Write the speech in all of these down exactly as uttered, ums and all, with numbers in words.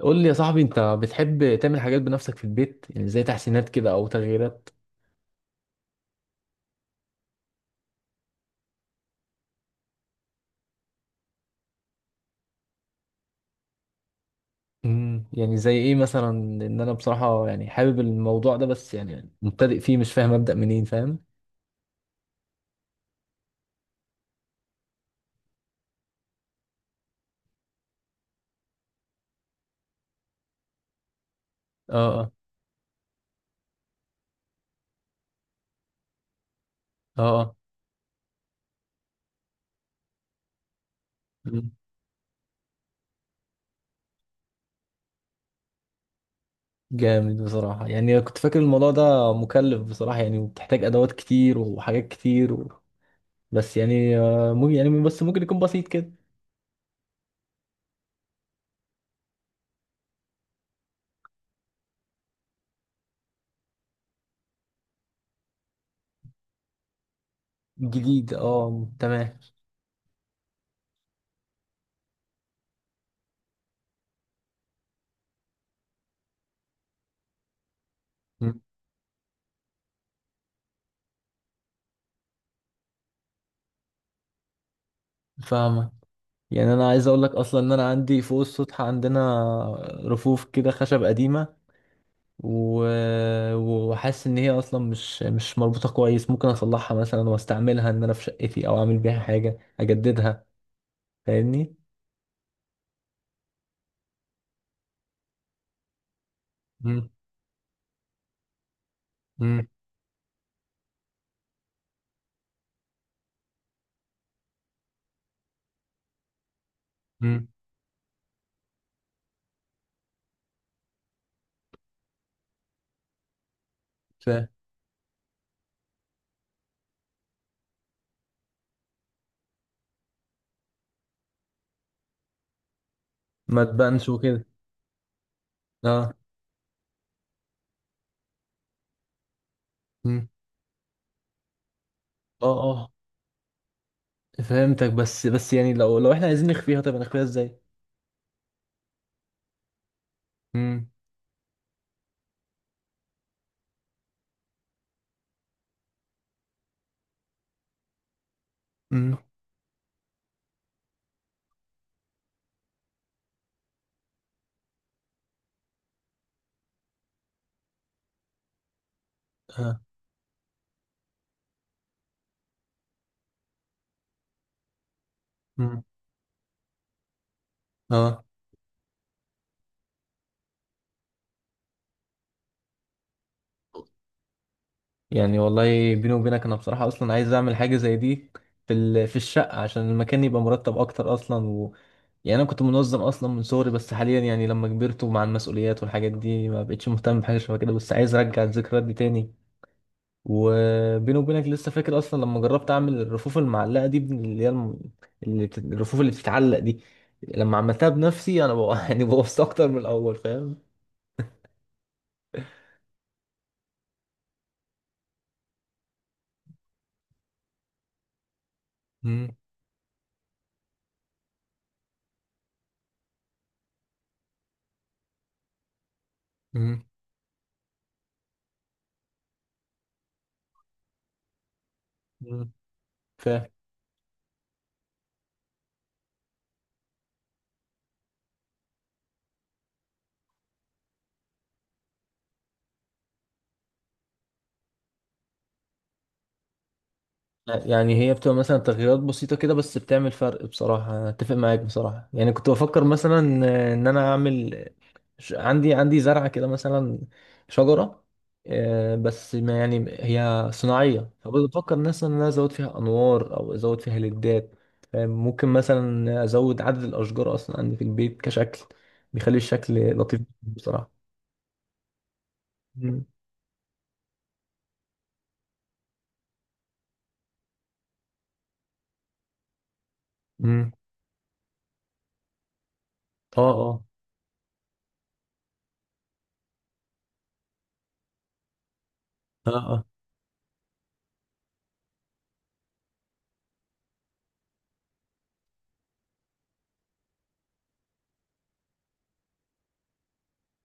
قول لي يا صاحبي، انت بتحب تعمل حاجات بنفسك في البيت، يعني زي تحسينات كده او تغييرات؟ امم يعني زي ايه مثلا؟ ان انا بصراحة يعني حابب الموضوع ده، بس يعني مبتدئ فيه، مش فاهم ابدأ منين، فاهم. اه اه اه اه. مم. جامد بصراحة. يعني كنت فاكر الموضوع ده مكلف بصراحة، يعني وبتحتاج ادوات كتير وحاجات كتير و... بس يعني آه، ممكن، يعني بس ممكن يكون بسيط كده. جديد، اه تمام. أمم. فاهمك. يعني انا عايز اقول لك اصلا ان انا عندي فوق السطح عندنا رفوف كده خشب قديمه. و- وحاسس ان هي اصلا مش مش مربوطه كويس، ممكن اصلحها مثلا واستعملها ان انا في شقتي، او اعمل بيها حاجه اجددها، فاهمني. مم. مم. مم. فاهم. ما تبانش وكده. اه. مم. اه اه. فهمتك. بس بس يعني لو لو احنا عايزين نخفيها، طب نخفيها ازاي؟ مم. مم. اه. مم. اه. يعني والله بيني وبينك انا بصراحة اصلا عايز اعمل حاجة زي دي، في ال... في الشقة، عشان المكان يبقى مرتب اكتر اصلا و... يعني انا كنت منظم اصلا من صغري، بس حاليا يعني لما كبرت، ومع المسؤوليات والحاجات دي، ما بقتش مهتم بحاجة شبه كده، بس عايز ارجع الذكريات دي تاني. وبيني وبينك لسه فاكر اصلا لما جربت اعمل الرفوف المعلقة دي، بن- اللي هي الم... اللي بت... الرفوف اللي بتتعلق دي، لما عملتها بنفسي انا بقى يعني بوظت اكتر من الاول، فاهم. مم. مم. مم. فاهم. لا، يعني هي بتبقى مثلا تغييرات بسيطة كده، بس بتعمل فرق بصراحة. أنا أتفق معاك بصراحة. يعني كنت بفكر مثلا إن أنا أعمل، ش- عندي عندي زرعة كده مثلا، شجرة، آه، بس ما يعني هي صناعية، فبفكر مثلا إن أنا أزود فيها أنوار أو أزود فيها ليدات، فاهم؟ ممكن مثلا أزود عدد الأشجار أصلا عندي في البيت كشكل، بيخلي الشكل لطيف بصراحة. مم. مم. اه اه اه اه.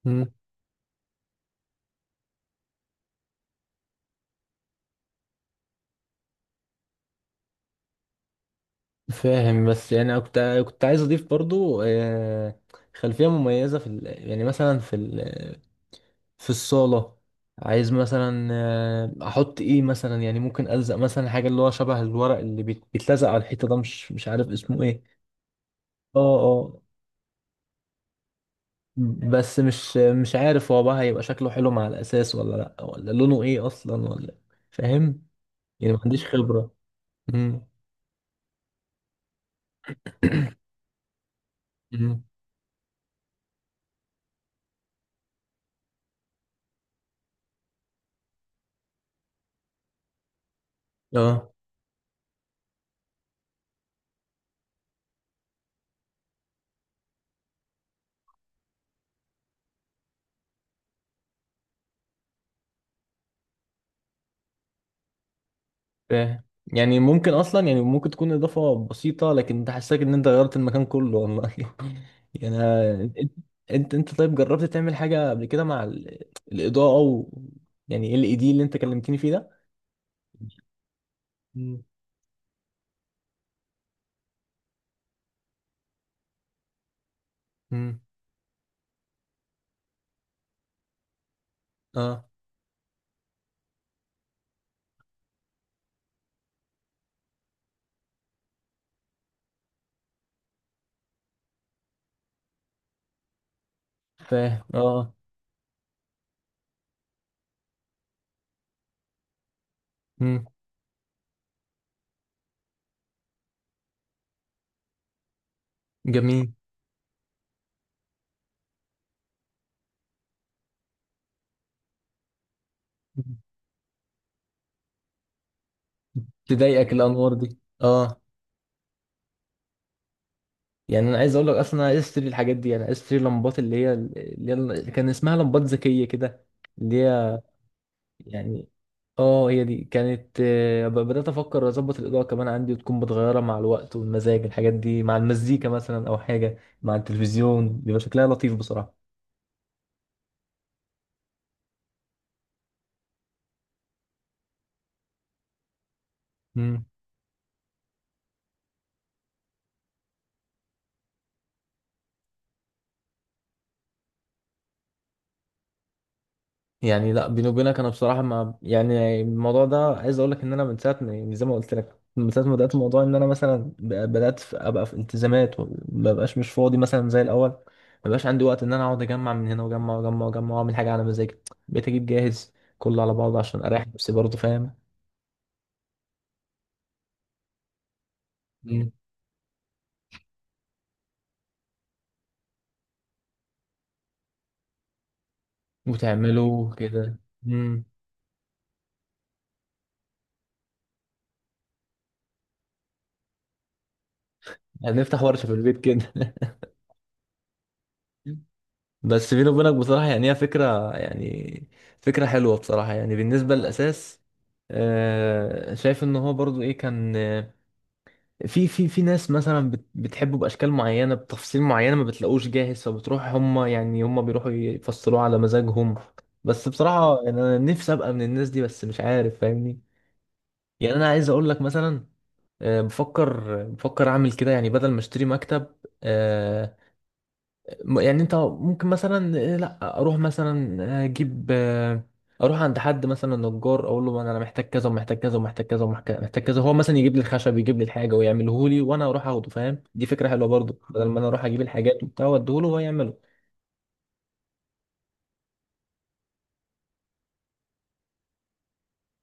مم. فاهم. بس يعني أنا كنت كنت عايز اضيف برضو، آه، خلفيه مميزه في ال... يعني مثلا في ال... في الصاله. عايز مثلا آه، احط ايه مثلا، يعني ممكن الزق مثلا حاجه اللي هو شبه الورق اللي بيت- بيتلزق على الحيطه ده، مش مش عارف اسمه ايه. اه اه. بس مش مش عارف هو بقى هيبقى شكله حلو مع الاساس ولا لا، ولا لونه ايه اصلا، ولا فاهم. يعني ما عنديش خبره. امم. أمم. اه. فاهم. يعني ممكن اصلا، يعني ممكن تكون اضافه بسيطه لكن تحسسك ان انت غيرت المكان كله، والله. يعني أنا- انت انت طيب، جربت تعمل حاجه قبل كده مع ال- الاضاءه، و يعني إيه ال اي دي اللي انت كلمتني فيه ده؟ مم. امم. اه. فاهم. اه. امم. جميل. مم. تضايقك الانوار دي، اه. يعني انا عايز اقول لك اصلا، انا عايز اشتري الحاجات دي، انا عايز اشتري لمبات اللي هي اللي هي اللي كان اسمها لمبات ذكيه كده، اللي هي يعني. اه، هي دي كانت، آه، ب- بدأت أفكر أظبط الإضاءة كمان عندي، وتكون متغيرة مع الوقت والمزاج، الحاجات دي مع المزيكا مثلا أو حاجة مع التلفزيون، بيبقى شكلها لطيف بصراحة. مم. يعني لا، بيني وبينك أنا بصراحة، ما يعني الموضوع ده، عايز أقول لك إن أنا من ساعة ما- يعني زي ما قلت لك، من ساعة ما بدأت الموضوع، إن أنا مثلا ب- بدأت في- أبقى في التزامات، وما بقاش مش فاضي مثلا زي الأول. ما بقاش عندي وقت إن أنا أقعد أجمع من هنا، وأجمع وأجمع وأجمع، وأعمل حاجة على مزاجي. بقيت أجيب جاهز كله على بعضه، عشان أريح نفسي برضه، فاهم. مم. وتعمله كده. مم. هنفتح ورشة في البيت كده. بس بيني وبينك بصراحة، يعني هي فكرة، يعني فكرة حلوة بصراحة، يعني بالنسبة للأساس، آه، شايف ان هو برضو ايه، كان آه، في في في ناس مثلا بت- بتحبه باشكال معينه بتفاصيل معينه، ما بتلاقوش جاهز، فبتروح هم، يعني هم بيروحوا يفصلوه على مزاجهم. بس بصراحه يعني انا نفسي ابقى من الناس دي، بس مش عارف، فاهمني. يعني انا عايز اقول لك مثلا، آه، بفكر بفكر اعمل كده، يعني بدل ما اشتري مكتب، آه، م- يعني انت ممكن مثلا، آه، لا اروح مثلا، آه، اجيب، آه، اروح عند حد مثلا نجار، اقول له انا محتاج كذا ومحتاج كذا ومحتاج كذا ومحتاج كذا، هو مثلا يجيب لي الخشب، يجيب لي الحاجه ويعمله لي وانا اروح اخده، فاهم. دي فكره حلوه برضو، بدل ما انا اروح اجيب الحاجات وبتاع واديه له وهو يعمله.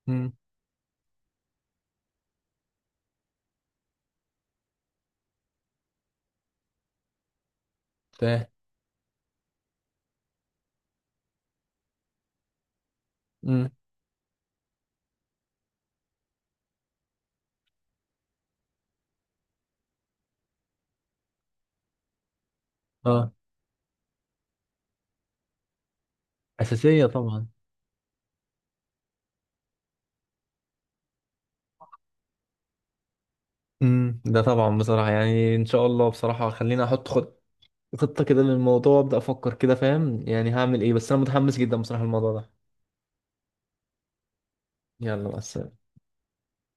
امم. فاهم. امم. اه. اساسيه طبعا. امم، ده طبعا بصراحه. يعني ان شاء الله بصراحه، خليني احط، خد خطة كده للموضوع، أبدأ أفكر كده فاهم يعني هعمل إيه، بس أنا متحمس جدا بصراحة الموضوع ده. يلا بس.